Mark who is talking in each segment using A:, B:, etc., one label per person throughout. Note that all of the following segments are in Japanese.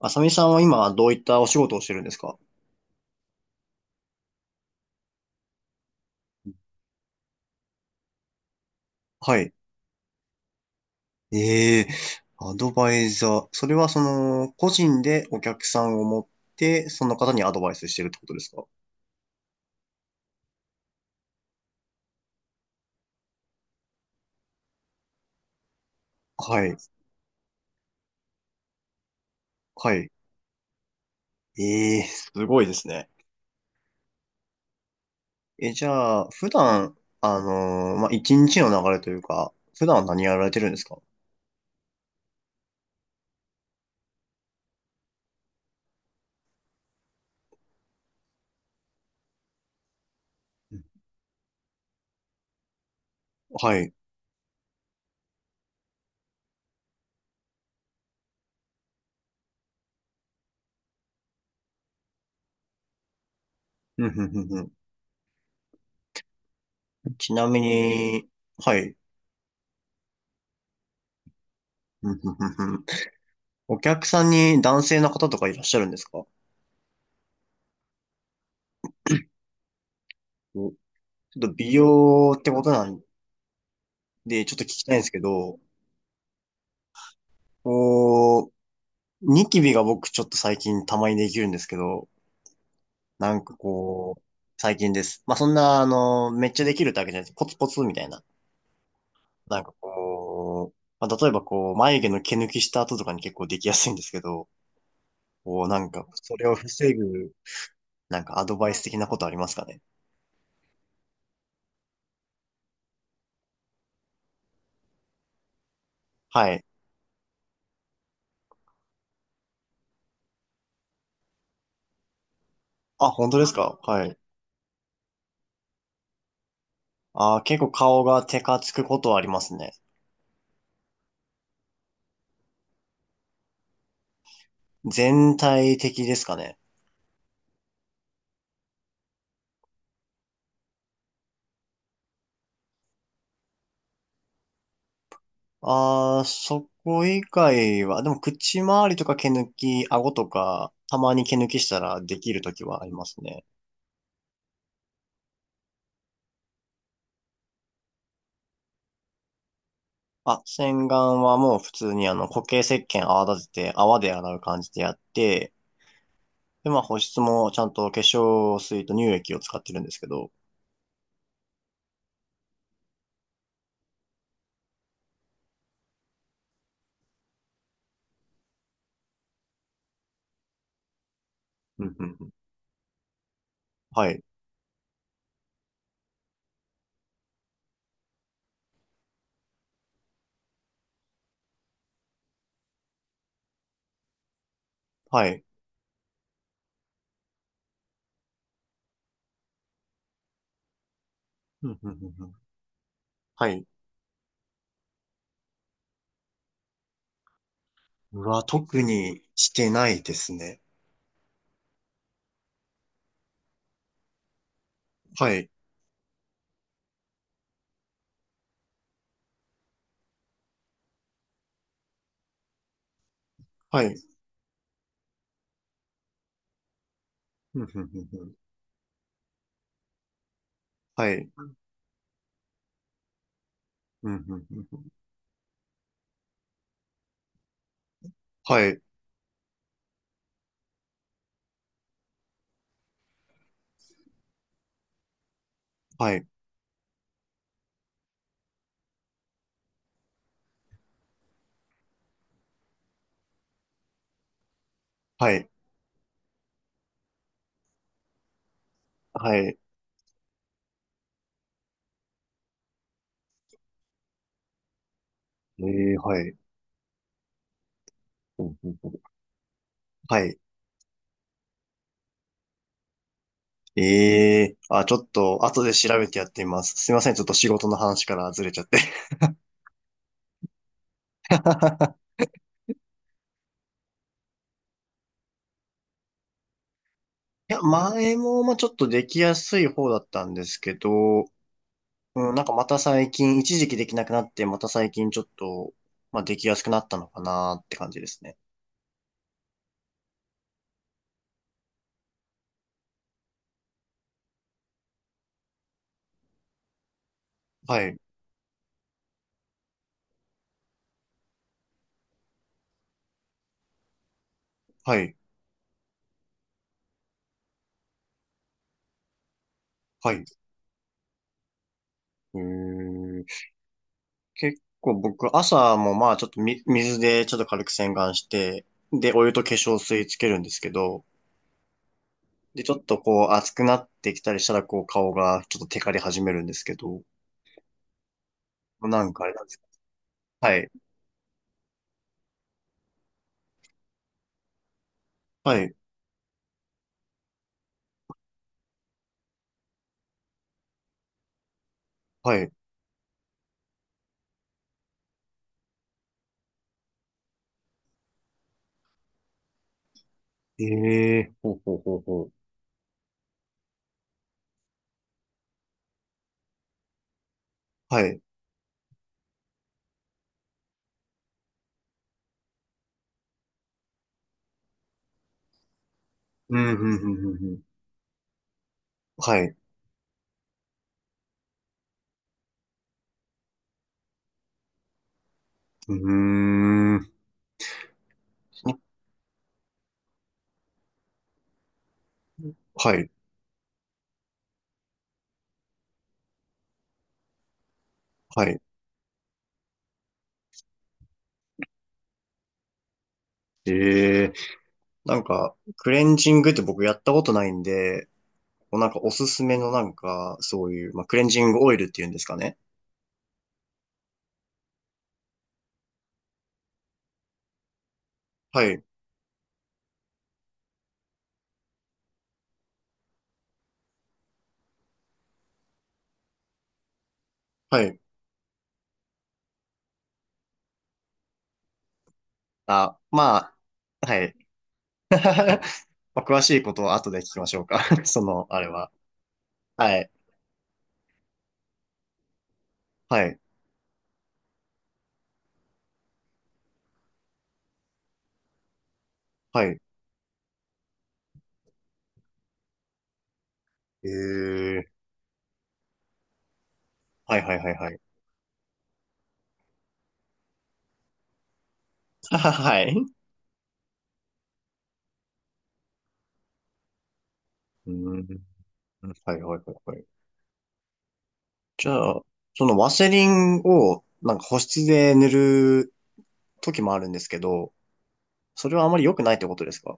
A: あさみさんは今どういったお仕事をしてるんですか？はい。ええ、アドバイザー。それは個人でお客さんを持って、その方にアドバイスしてるってことですか？はい。はい。ええ、すごいですね。え、じゃあ、普段、まあ、一日の流れというか、普段は何やられてるんですか？うん。はい。うんうんうんうん。ちなみに、はい。うんうんうんうん。お客さんに男性の方とかいらっしゃるんですか？お、ちょっと美容ってことなんで、ちょっと聞きたいんですけど、こう、ニキビが僕ちょっと最近たまにできるんですけど、なんか最近です。まあ、そんな、めっちゃできるってわけじゃないです。ポツポツみたいな。なんかまあ、例えば眉毛の毛抜きした後とかに結構できやすいんですけど、なんか、それを防ぐ、なんかアドバイス的なことありますかね？はい。あ、本当ですか？はい。あー、結構顔がテカつくことはありますね。全体的ですかね？ああ、そこ以外は、でも口周りとか毛抜き、顎とか、たまに毛抜きしたらできるときはありますね。あ、洗顔はもう普通に固形石鹸泡立てて泡で洗う感じでやって、で、まあ保湿もちゃんと化粧水と乳液を使ってるんですけど。うんうんうん。はい。はい。うんうんうんうん。はい。うわ、特にしてないですね。はい。はい。うんうんうんうん。はい。うんうんうんうん。はい。はい。はい。はい。ええ、はい。うんうんうん。はい。ええ、あ、ちょっと、後で調べてやってみます。すいません、ちょっと仕事の話からずれちゃって。いや、前も、まあ、ちょっとできやすい方だったんですけど、うん、なんかまた最近、一時期できなくなって、また最近ちょっと、まあ、できやすくなったのかなって感じですね。はい、はい、はい。えー結構僕、朝もまあ、ちょっと水でちょっと軽く洗顔して、で、お湯と化粧水つけるんですけど、で、ちょっと熱くなってきたりしたら、顔がちょっとテカり始めるんですけど、なんかあれなんですか？はい。はい。はい。ええー、ほうほうほうほう。はい。うん、うん、うん、うん。うん。はい。うーん。はい。はい。ええー。なんか、クレンジングって僕やったことないんで、なんかおすすめのなんか、そういう、まあ、クレンジングオイルっていうんですかね。はい。はい。あ、まあ、はい。まあ、詳しいことは後で聞きましょうか。その、あれは。はい。はい。はい。えー。はいはいはいはい。はははい。うーん。はいはいはいはい。じゃあ、そのワセリンを、なんか保湿で塗る時もあるんですけど、それはあまり良くないってことですか？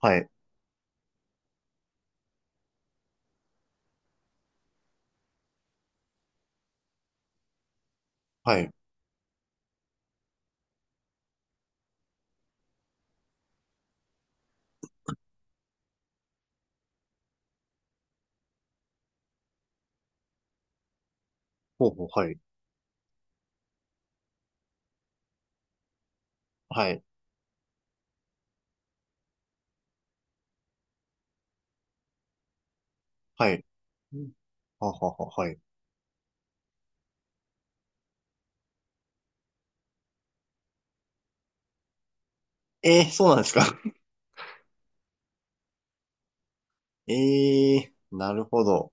A: はい。はい。ほうほう、はい。はい。はい。うんははは、はい。えー、そうなんですか？え、 えー、なるほど。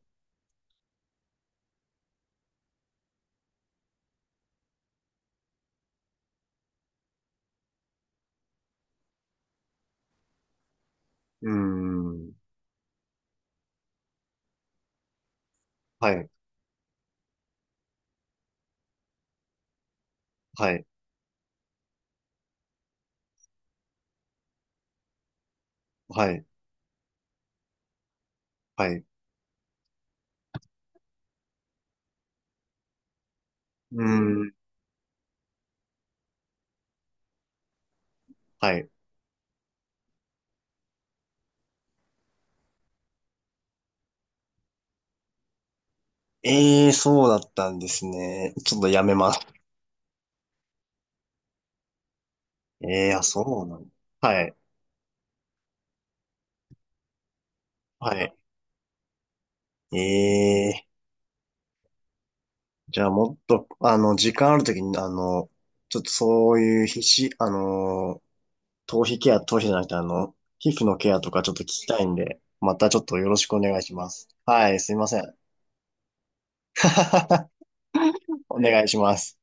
A: うーん。はい。はい。はい。はい。うーん。はい。ええ、そうだったんですね。ちょっとやめます。ええ、あ、そうなの。はい。はい。ええ、じゃあもっと、時間あるときに、ちょっとそういう皮脂、頭皮ケア、頭皮じゃなくて、皮膚のケアとかちょっと聞きたいんで、またちょっとよろしくお願いします。はい、すいません。お願いします。